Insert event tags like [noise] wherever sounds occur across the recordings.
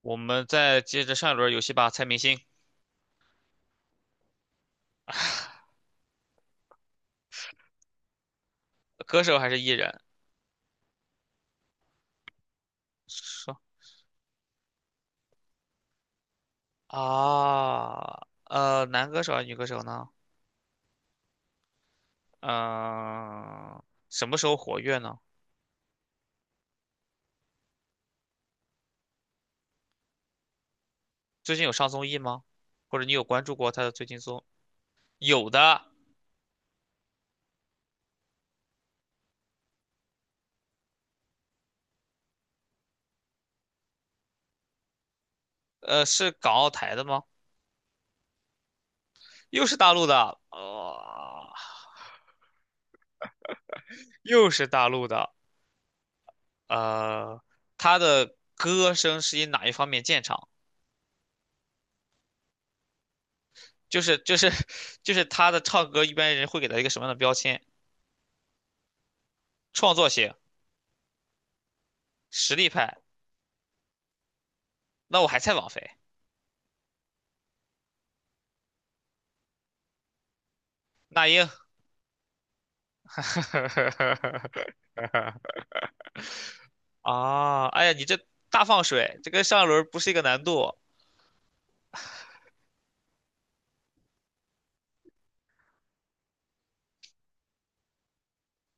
我们再接着上一轮游戏吧，猜明星，歌手还是艺人？说啊，男歌手还是女歌手呢？嗯、什么时候活跃呢？最近有上综艺吗？或者你有关注过他的最近综？有的。是港澳台的吗？又是大陆的。又是大陆的。呃，他的歌声是以哪一方面见长？就是 [laughs] 就是他的唱歌，一般人会给他一个什么样的标签？创作型。实力派。那我还猜王菲、那英。[laughs] 啊，哎呀，你这大放水，这跟上一轮不是一个难度。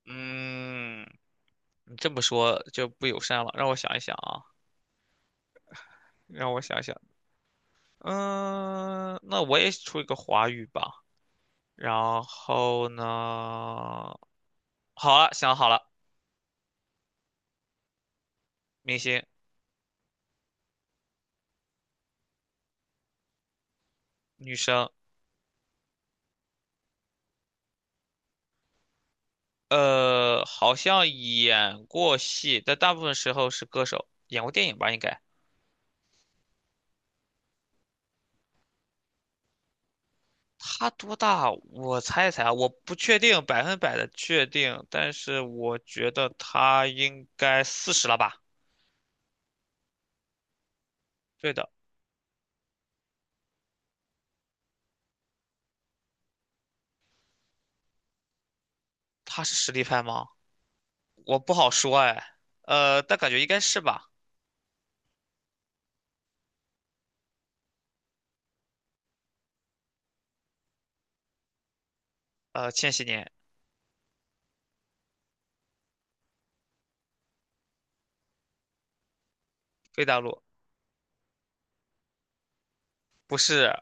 嗯，你这么说就不友善了。让我想一想啊，让我想想。嗯，那我也出一个华语吧。然后呢，好了，想好了，明星，女生。好像演过戏，但大部分时候是歌手，演过电影吧，应该。他多大？我猜一猜啊，我不确定，百分百的确定，但是我觉得他应该四十了吧？对的，他是实力派吗？我不好说哎。但感觉应该是吧？千禧年，非大陆，不是，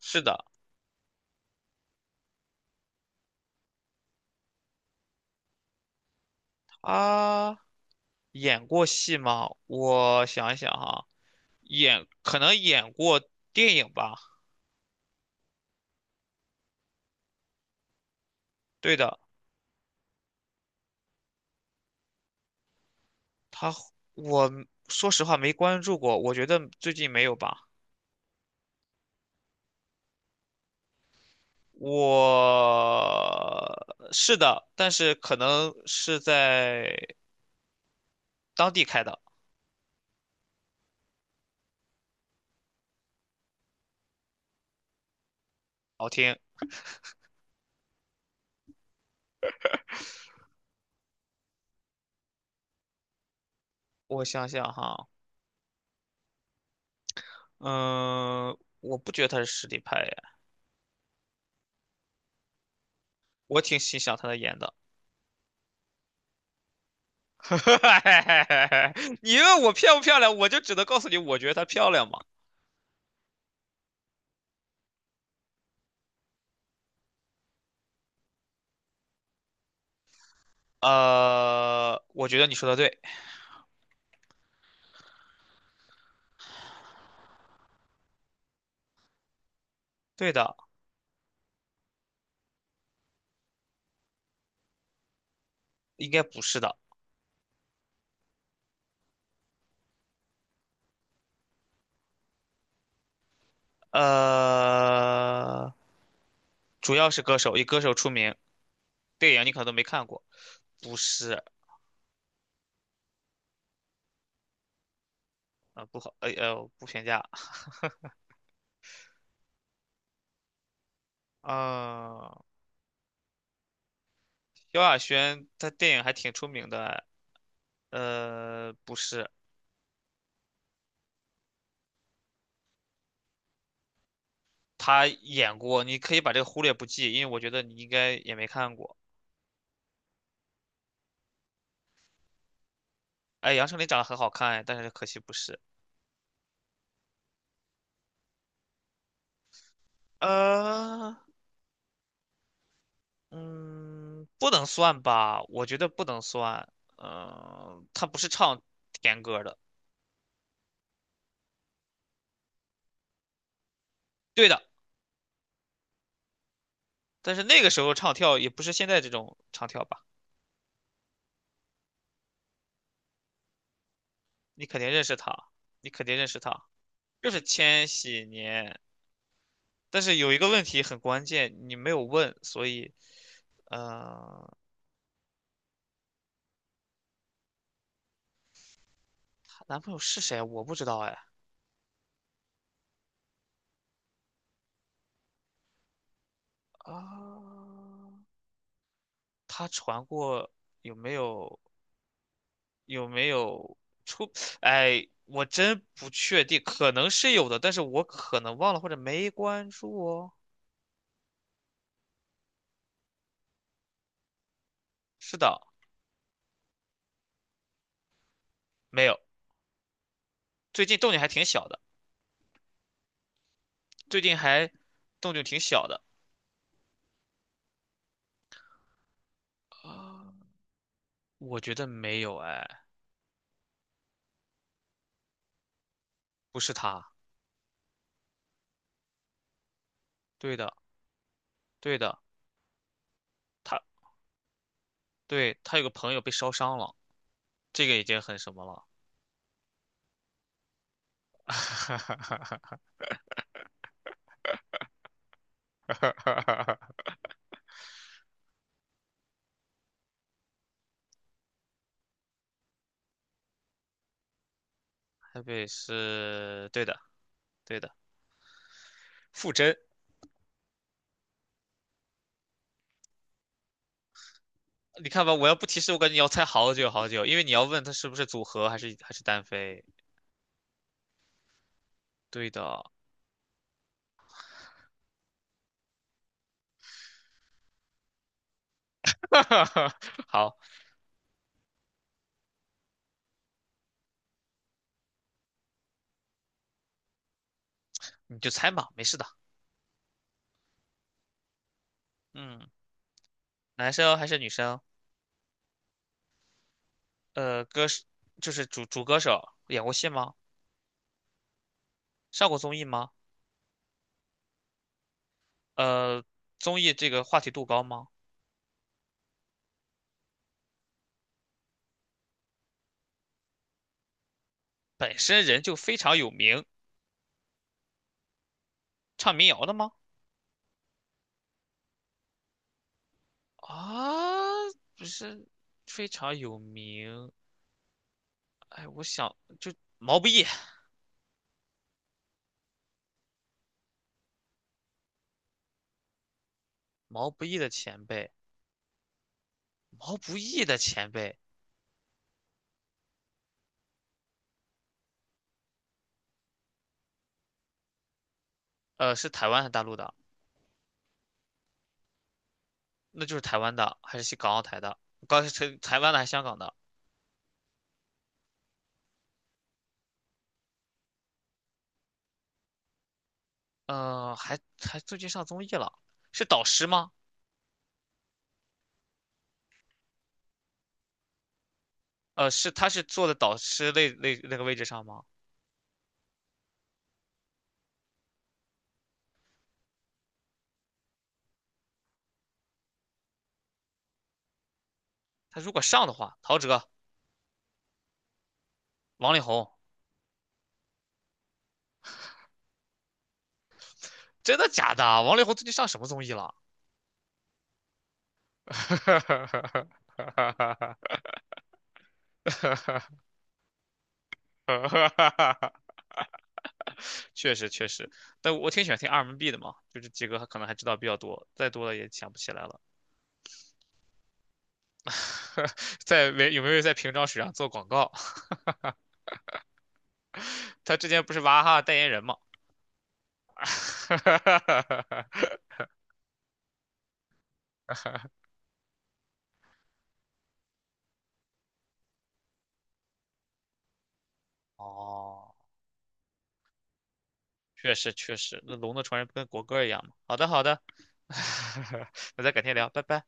是的，他演过戏吗？我想一想哈，演可能演过电影吧？对的。他我说实话没关注过，我觉得最近没有吧。我是的，但是可能是在当地开的，好听。我想想哈，嗯，我不觉得他是实力派呀，我挺欣赏他的演的。[laughs] 你问我漂不漂亮，我就只能告诉你，我觉得她漂亮嘛。我觉得你说的对，对的，应该不是的。呃，主要是歌手，以歌手出名，电影你可能都没看过，不是。不评价。啊，萧亚轩她电影还挺出名的。不是，她演过，你可以把这个忽略不计，因为我觉得你应该也没看过。哎，杨丞琳长得很好看，哎但是可惜不是。呃，嗯，不能算吧，我觉得不能算。嗯、她不是唱甜歌的，对的，但是那个时候唱跳也不是现在这种唱跳吧？你肯定认识她，你肯定认识她，就是千禧年。但是有一个问题很关键，你没有问，所以。呃，她男朋友是谁啊？我不知道哎。啊，她传过，有没有有没有出？哎，我真不确定，可能是有的，但是我可能忘了或者没关注哦。是的，没有。最近动静还挺小的，最近还动静挺小的。啊，我觉得没有哎，不是他。对的，对的，他对他有个朋友被烧伤了。这个已经很什么了。[laughs] 台北是对的，对的，傅真。你看吧，我要不提示，我感觉你要猜好久好久，因为你要问他是不是组合还是还是单飞。对的。[laughs] 好，你就猜嘛，没事的。嗯，男生还是女生？歌手就是主歌手，演过戏吗？上过综艺吗？呃，综艺这个话题度高吗？本身人就非常有名，唱民谣的吗？啊，不是非常有名。哎，我想就毛不易，毛不易的前辈，毛不易的前辈。是台湾还是大陆的？那就是台湾的，还是港澳台的？刚才是台湾的还是香港的？呃，还还最近上综艺了，是导师吗？是他是坐在导师那个位置上吗？他如果上的话，陶喆、王力宏，真的假的？王力宏最近上什么综艺了？[laughs] [laughs] 确实确实，但我挺喜欢听 R&B 的嘛，就这几个可能还知道比较多，再多了也想不起来了。[laughs] 在没有在平章水上做广告？他之前不是娃哈哈代言人嘛？[laughs] 哦，确实确实，那龙的传人不跟国歌一样吗？好的好的。[laughs] 那咱改天聊，拜拜。